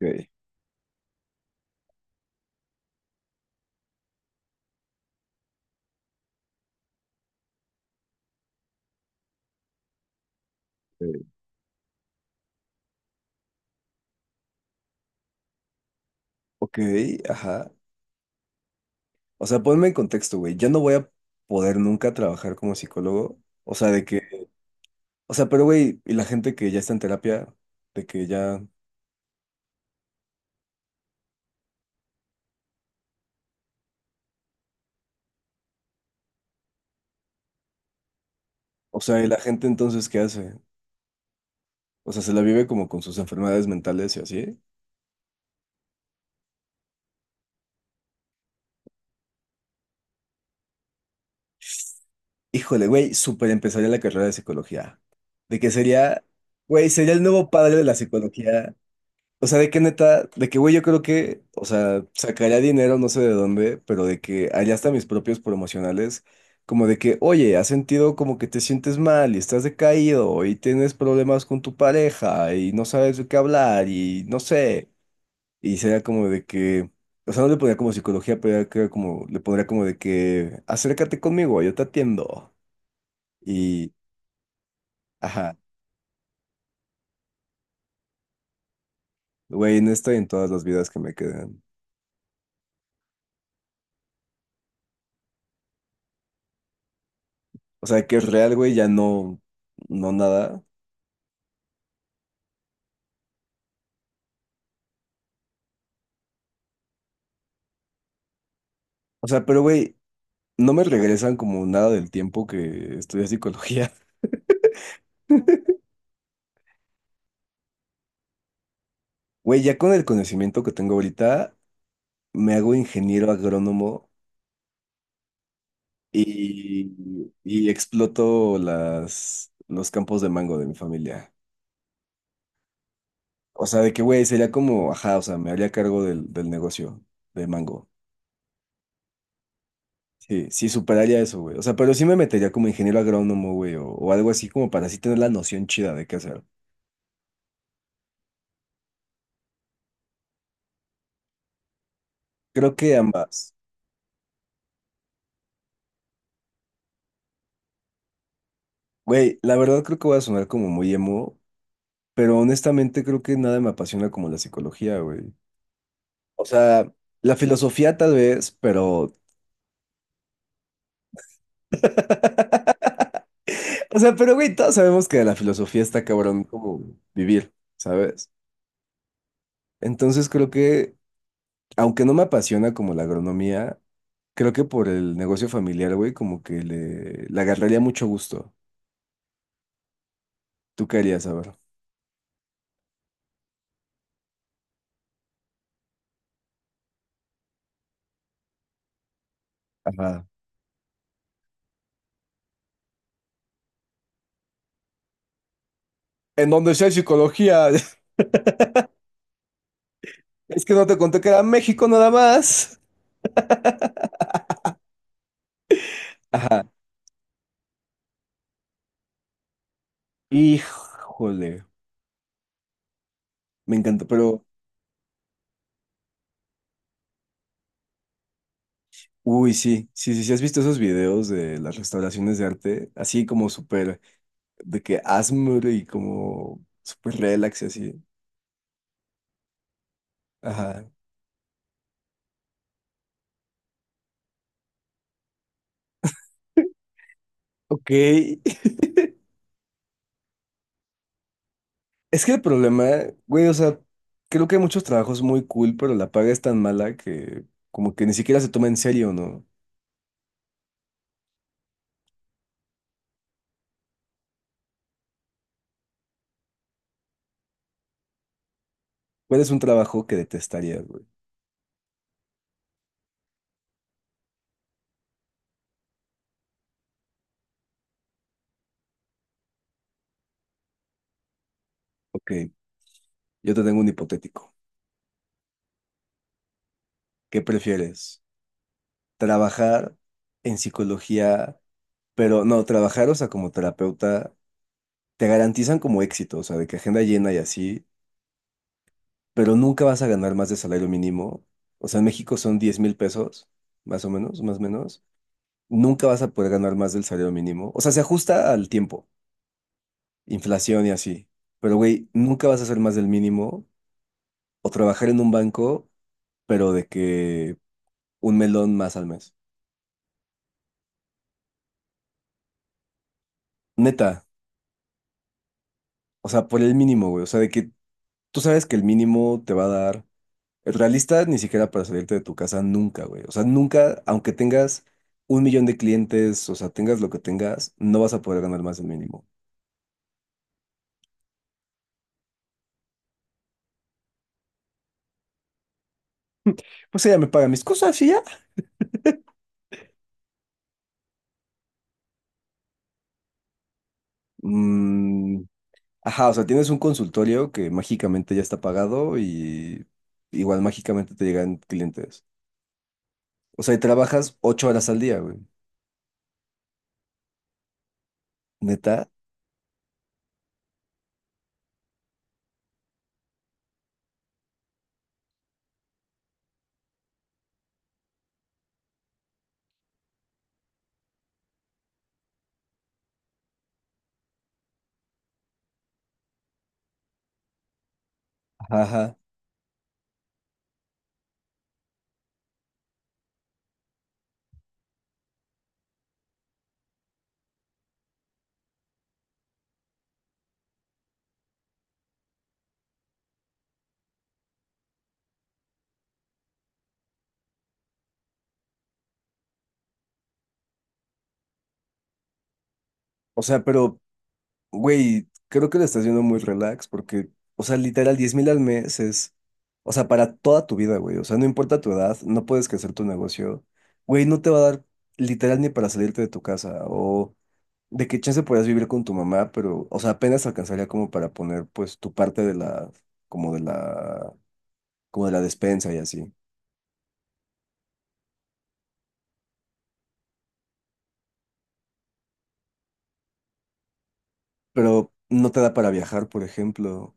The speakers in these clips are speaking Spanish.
Ok, ok, ajá. O sea, ponme en contexto, güey. Yo no voy a poder nunca trabajar como psicólogo. O sea, de que, o sea, pero güey, y la gente que ya está en terapia, de que ya, o sea, y la gente entonces, ¿qué hace? O sea, se la vive como con sus enfermedades mentales y así. Híjole, güey, súper empezaría la carrera de psicología. De que sería, güey, sería el nuevo padre de la psicología. O sea, de qué neta, de que, güey, yo creo que, o sea, sacaría dinero, no sé de dónde, pero de que allá hasta mis propios promocionales, como de que, oye, has sentido como que te sientes mal y estás decaído y tienes problemas con tu pareja y no sabes de qué hablar y no sé. Y sería como de que, o sea, no le pondría como psicología, pero era creo como, le pondría como de que, acércate conmigo, yo te atiendo. Y, ajá, güey, en esta y en todas las vidas que me quedan. O sea, que es real, güey, ya no, no nada. O sea, pero güey, no me regresan como nada del tiempo que estudié psicología. Güey, ya con el conocimiento que tengo ahorita, me hago ingeniero agrónomo y exploto los campos de mango de mi familia. O sea, de que, güey, sería como, ajá, o sea, me haría cargo del negocio de mango. Sí, sí, superaría eso, güey. O sea, pero sí me metería como ingeniero agrónomo, güey, o algo así como para así tener la noción chida de qué hacer. Creo que ambas. Güey, la verdad creo que voy a sonar como muy emo, pero honestamente creo que nada me apasiona como la psicología, güey. O sea, la filosofía tal vez, pero... O sea, pero güey, todos sabemos que la filosofía está cabrón como vivir, ¿sabes? Entonces creo que, aunque no me apasiona como la agronomía, creo que por el negocio familiar, güey, como que le agarraría mucho gusto. ¿Tú qué harías, a ver? Ajá. En donde sea psicología. Es que no te conté que era México nada más. Ajá. Híjole, me encanta, pero... Uy, sí, has visto esos videos de las restauraciones de arte, así como súper, de que Asmr y como súper relax y así. Ajá. Ok, es que el problema, güey, o sea, creo que hay muchos trabajos muy cool, pero la paga es tan mala que como que ni siquiera se toma en serio, ¿no? ¿Cuál es un trabajo que detestarías, güey? Ok, yo te tengo un hipotético. ¿Qué prefieres? ¿Trabajar en psicología, pero no, trabajar, o sea, como terapeuta? Te garantizan como éxito, o sea, de que agenda llena y así, pero nunca vas a ganar más de salario mínimo. O sea, en México son 10,000 pesos, más o menos, más o menos. Nunca vas a poder ganar más del salario mínimo. O sea, se ajusta al tiempo, inflación y así. Pero, güey, nunca vas a hacer más del mínimo o trabajar en un banco, pero de que un melón más al mes. Neta, o sea, por el mínimo, güey. O sea, de que tú sabes que el mínimo te va a dar realista ni siquiera para salirte de tu casa nunca, güey. O sea, nunca, aunque tengas 1,000,000 de clientes, o sea, tengas lo que tengas, no vas a poder ganar más del mínimo. Pues ella me paga mis cosas y ya. Mm, ajá, o sea, tienes un consultorio que mágicamente ya está pagado y igual mágicamente te llegan clientes. O sea, y trabajas 8 horas al día, güey. Neta. Ajá, ajá. O sea, pero güey, creo que lo estás haciendo muy relax porque, o sea, literal, 10,000 al mes es, o sea, para toda tu vida, güey. O sea, no importa tu edad, no puedes crecer tu negocio. Güey, no te va a dar literal ni para salirte de tu casa o de qué chance podrías vivir con tu mamá, pero, o sea, apenas alcanzaría como para poner, pues, tu parte de la, como de la, como de la despensa y así. Pero no te da para viajar, por ejemplo.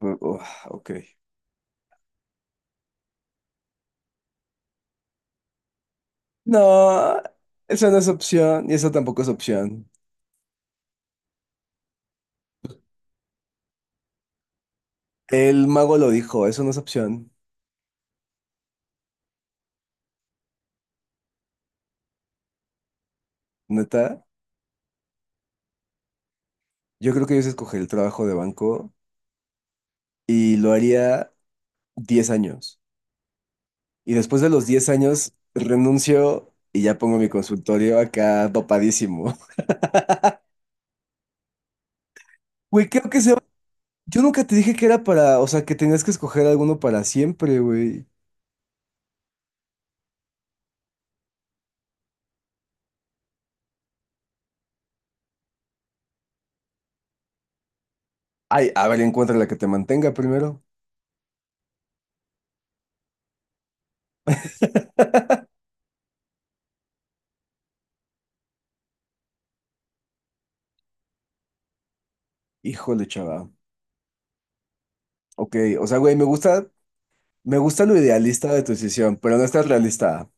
Uf, ok. No, esa no es opción y esa tampoco es opción. El mago lo dijo, eso no es opción, neta. Yo creo que yo sí escogería el trabajo de banco y lo haría 10 años. Y después de los 10 años renuncio y ya pongo mi consultorio acá dopadísimo. Güey, creo que se... Yo nunca te dije que era para, o sea, que tenías que escoger alguno para siempre, güey. Ay, a ver, encuentra la que te mantenga primero. Híjole, chava. Ok, o sea, güey, me gusta lo idealista de tu decisión, pero no estás realista.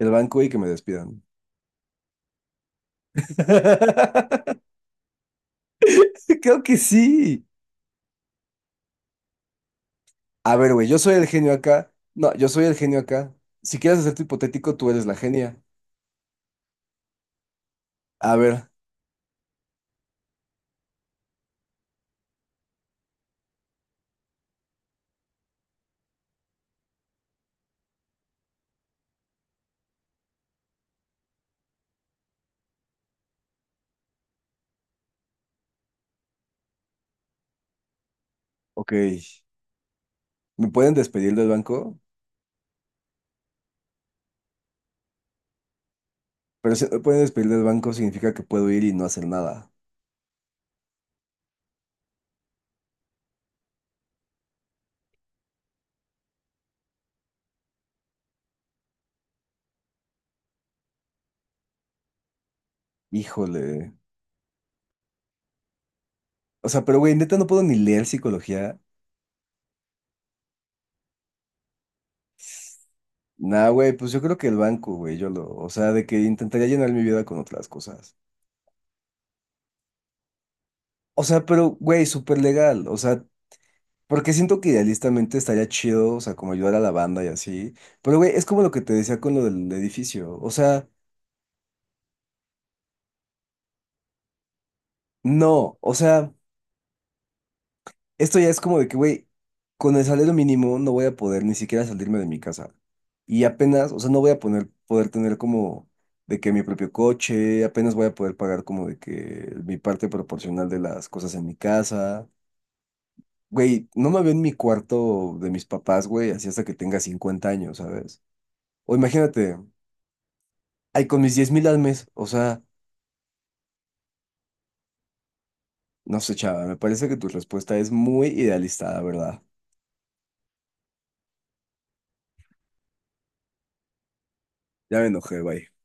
El banco y que me despidan. Creo que sí. A ver, güey, yo soy el genio acá. No, yo soy el genio acá. Si quieres hacer tu hipotético, tú eres la genia. A ver, ok. ¿Me pueden despedir del banco? Pero si no me pueden despedir del banco significa que puedo ir y no hacer nada. Híjole. O sea, pero güey, neta no puedo ni leer psicología. Nah, güey, pues yo creo que el banco, güey, yo lo, o sea, de que intentaría llenar mi vida con otras cosas. O sea, pero, güey, súper legal. O sea, porque siento que idealistamente estaría chido, o sea, como ayudar a la banda y así. Pero, güey, es como lo que te decía con lo del edificio. O sea, no, o sea, esto ya es como de que, güey, con el salario mínimo no voy a poder ni siquiera salirme de mi casa. Y apenas, o sea, no voy a poner, poder tener como de que mi propio coche, apenas voy a poder pagar como de que mi parte proporcional de las cosas en mi casa. Güey, no me veo en mi cuarto de mis papás, güey, así hasta que tenga 50 años, ¿sabes? O imagínate. Ay, con mis 10,000 al mes. O sea, no sé, chava, me parece que tu respuesta es muy idealista, la verdad. Ya me enojé, bye.